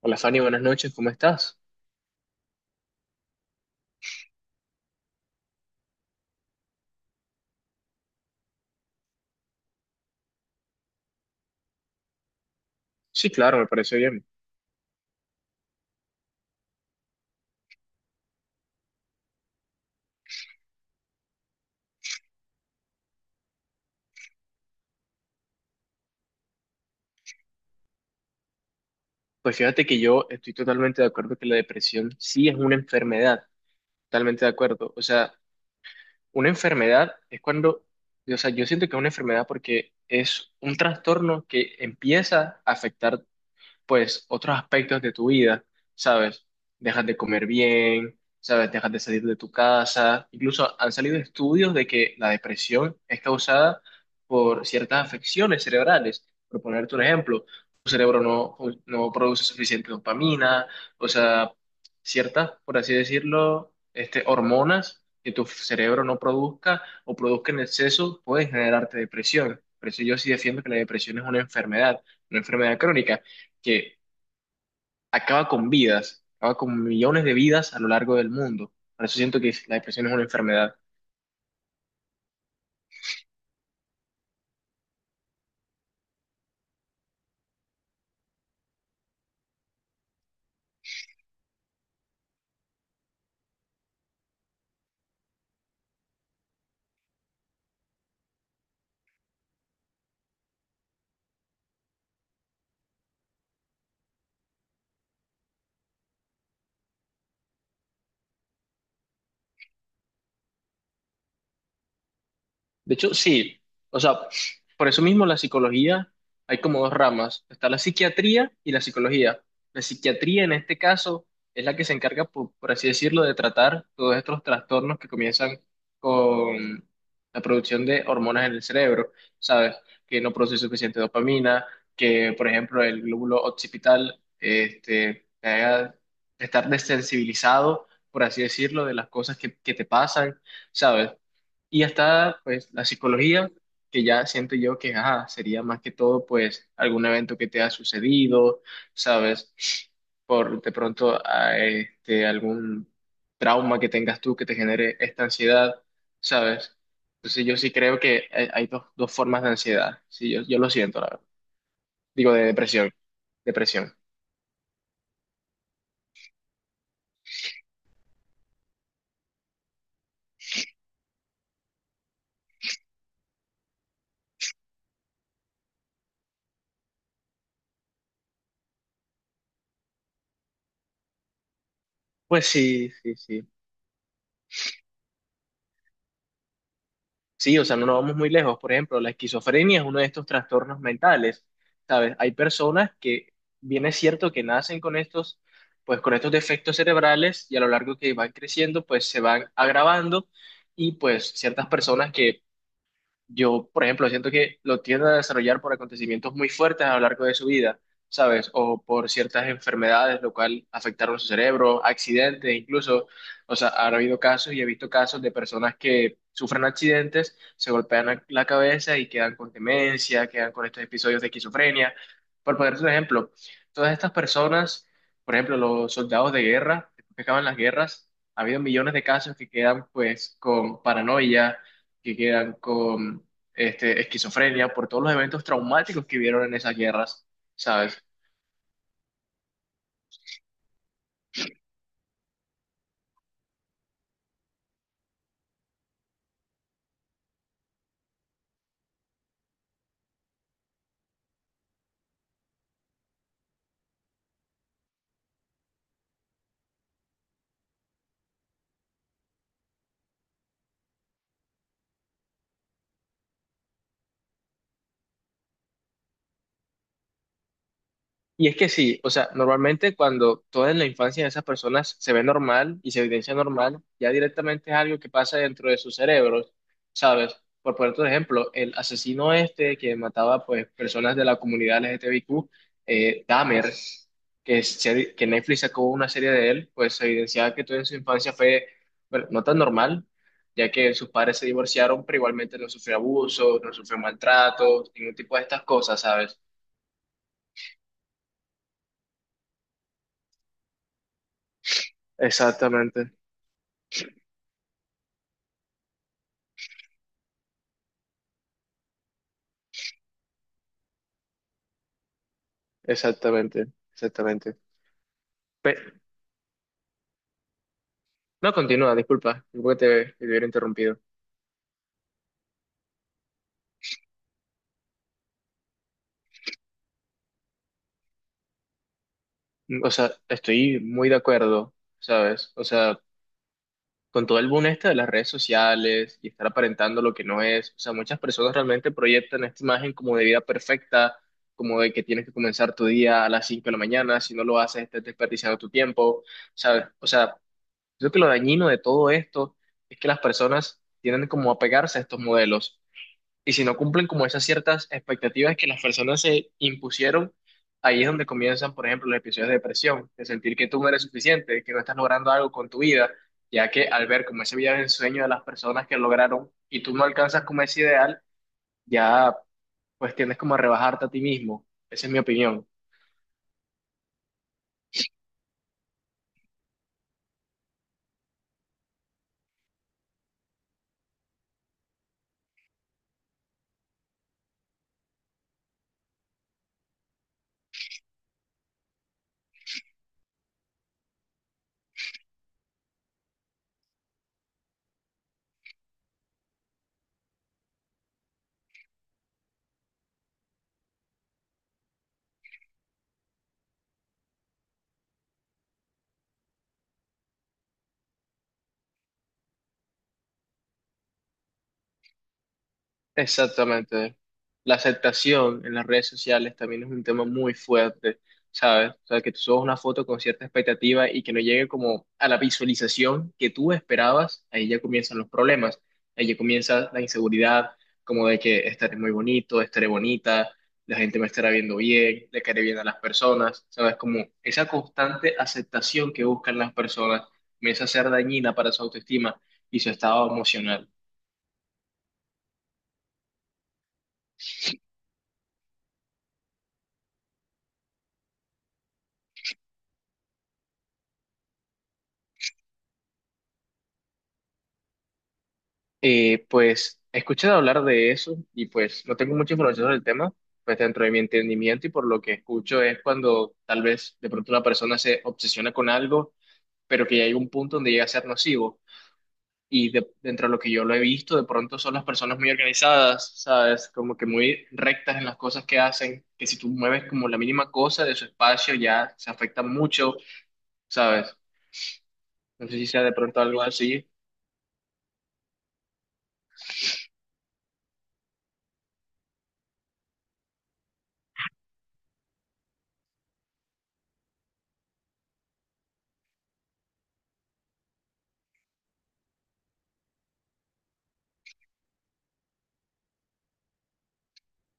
Hola Fanny, buenas noches, ¿cómo estás? Sí, claro, me parece bien. Pues fíjate que yo estoy totalmente de acuerdo que la depresión sí es una enfermedad, totalmente de acuerdo. O sea, una enfermedad es cuando, o sea, yo siento que es una enfermedad porque es un trastorno que empieza a afectar pues otros aspectos de tu vida, ¿sabes? Dejas de comer bien, ¿sabes? Dejas de salir de tu casa. Incluso han salido estudios de que la depresión es causada por ciertas afecciones cerebrales. Por ponerte un ejemplo, tu cerebro no produce suficiente dopamina, o sea, ciertas, por así decirlo, este, hormonas que tu cerebro no produzca o produzca en exceso pueden generarte depresión. Por eso yo sí defiendo que la depresión es una enfermedad crónica que acaba con vidas, acaba con millones de vidas a lo largo del mundo. Por eso siento que la depresión es una enfermedad. De hecho, sí. O sea, por eso mismo la psicología, hay como dos ramas. Está la psiquiatría y la psicología. La psiquiatría en este caso es la que se encarga, por así decirlo, de tratar todos estos trastornos que comienzan con la producción de hormonas en el cerebro, ¿sabes? Que no produce suficiente dopamina, que por ejemplo el glóbulo occipital este, te haga estar desensibilizado, por así decirlo, de las cosas que te pasan, ¿sabes? Y está, pues, la psicología, que ya siento yo que ajá, sería más que todo, pues, algún evento que te ha sucedido, ¿sabes? Por de pronto, a, este, algún trauma que tengas tú que te genere esta ansiedad, ¿sabes? Entonces, yo sí creo que hay dos formas de ansiedad. Sí, yo lo siento, la verdad. Digo, de depresión. Depresión. Pues sí, sí, sí. Sí, o sea, no nos vamos muy lejos. Por ejemplo, la esquizofrenia es uno de estos trastornos mentales, ¿sabes? Hay personas que, bien es cierto que nacen con estos, pues con estos defectos cerebrales y a lo largo que van creciendo, pues se van agravando y pues ciertas personas que yo, por ejemplo, siento que lo tienden a desarrollar por acontecimientos muy fuertes a lo largo de su vida, ¿sabes? O por ciertas enfermedades, lo cual afectaron su cerebro, accidentes incluso. O sea, han habido casos y he visto casos de personas que sufren accidentes, se golpean la cabeza y quedan con demencia, quedan con estos episodios de esquizofrenia. Por ponerte un ejemplo, todas estas personas, por ejemplo, los soldados de guerra, después que acaban las guerras, ha habido millones de casos que quedan pues con paranoia que quedan con este, esquizofrenia por todos los eventos traumáticos que vieron en esas guerras, ¿sabes? Y es que sí, o sea, normalmente cuando toda en la infancia de esas personas se ve normal y se evidencia normal, ya directamente es algo que pasa dentro de sus cerebros, ¿sabes? Por ponerte un ejemplo, el asesino este que mataba pues personas de la comunidad LGTBIQ, Dahmer, que Netflix sacó una serie de él, pues se evidenciaba que todo en su infancia fue, bueno, no tan normal, ya que sus padres se divorciaron, pero igualmente no sufrió abusos, no sufrió maltratos, ningún tipo de estas cosas, ¿sabes? Exactamente. Exactamente, exactamente. Pe- no, continúa, disculpa, disculpa que te hubiera interrumpido. O sea, estoy muy de acuerdo, ¿sabes? O sea, con todo el boom este de las redes sociales y estar aparentando lo que no es, o sea, muchas personas realmente proyectan esta imagen como de vida perfecta, como de que tienes que comenzar tu día a las 5 de la mañana, si no lo haces, estás desperdiciando tu tiempo, ¿sabes? O sea, creo que lo dañino de todo esto es que las personas tienden como a pegarse a estos modelos. Y si no cumplen como esas ciertas expectativas que las personas se impusieron, ahí es donde comienzan, por ejemplo, los episodios de depresión, de sentir que tú no eres suficiente, que no estás logrando algo con tu vida, ya que al ver como ese vida de sueño de las personas que lograron y tú no alcanzas como ese ideal, ya pues tiendes como a rebajarte a ti mismo. Esa es mi opinión. Exactamente. La aceptación en las redes sociales también es un tema muy fuerte, ¿sabes? O sea, que tú subas una foto con cierta expectativa y que no llegue como a la visualización que tú esperabas, ahí ya comienzan los problemas, ahí ya comienza la inseguridad, como de que estaré muy bonito, estaré bonita, la gente me estará viendo bien, le caeré bien a las personas, ¿sabes? Como esa constante aceptación que buscan las personas comienza a ser dañina para su autoestima y su estado emocional. Pues he escuchado hablar de eso y pues no tengo mucha información sobre el tema, pues dentro de mi entendimiento y por lo que escucho es cuando tal vez de pronto una persona se obsesiona con algo, pero que ya hay un punto donde llega a ser nocivo. Dentro de lo que yo lo he visto, de pronto son las personas muy organizadas, ¿sabes? Como que muy rectas en las cosas que hacen, que si tú mueves como la mínima cosa de su espacio ya se afecta mucho, ¿sabes? No sé si sea de pronto algo así.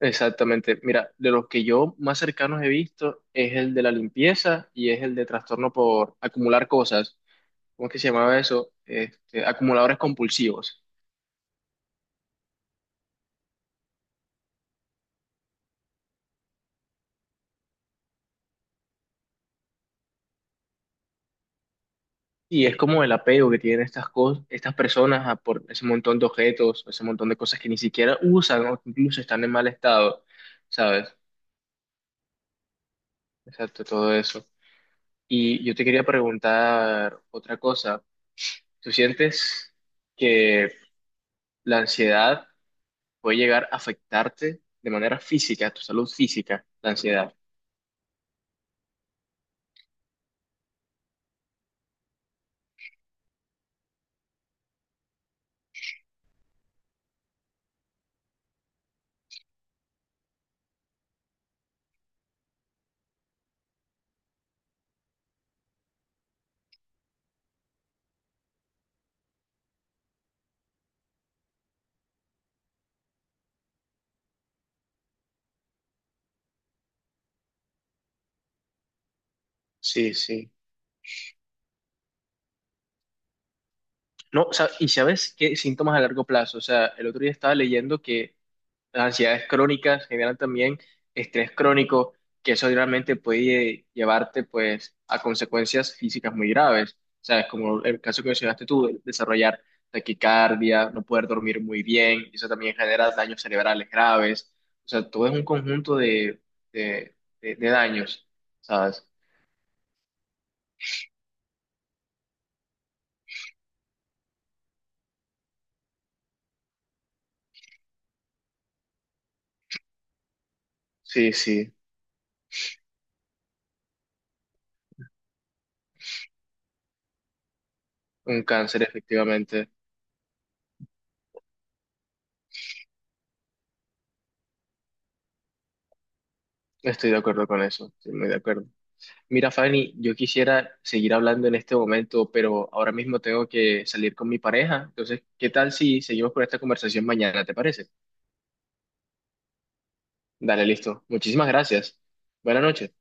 Exactamente. Mira, de los que yo más cercanos he visto es el de la limpieza y es el de trastorno por acumular cosas. ¿Cómo es que se llamaba eso? Este, acumuladores compulsivos. Y es como el apego que tienen estas cosas, estas personas a por ese montón de objetos, ese montón de cosas que ni siquiera usan o que incluso están en mal estado, ¿sabes? Exacto, todo eso. Y yo te quería preguntar otra cosa. ¿Tú sientes que la ansiedad puede llegar a afectarte de manera física, tu salud física, la ansiedad? Sí, sí. No, o sea, ¿y sabes qué síntomas a largo plazo? O sea, el otro día estaba leyendo que las ansiedades crónicas generan también estrés crónico, que eso realmente puede llevarte pues a consecuencias físicas muy graves. O sea, es como el caso que mencionaste tú, de desarrollar taquicardia, no poder dormir muy bien, y eso también genera daños cerebrales graves. O sea, todo es un conjunto de, de daños. ¿Sabes? Sí, sí, un cáncer, efectivamente. Estoy de acuerdo con eso, estoy muy de acuerdo. Mira, Fanny, yo quisiera seguir hablando en este momento, pero ahora mismo tengo que salir con mi pareja. Entonces, ¿qué tal si seguimos con esta conversación mañana? ¿Te parece? Dale, listo. Muchísimas gracias. Buenas noches.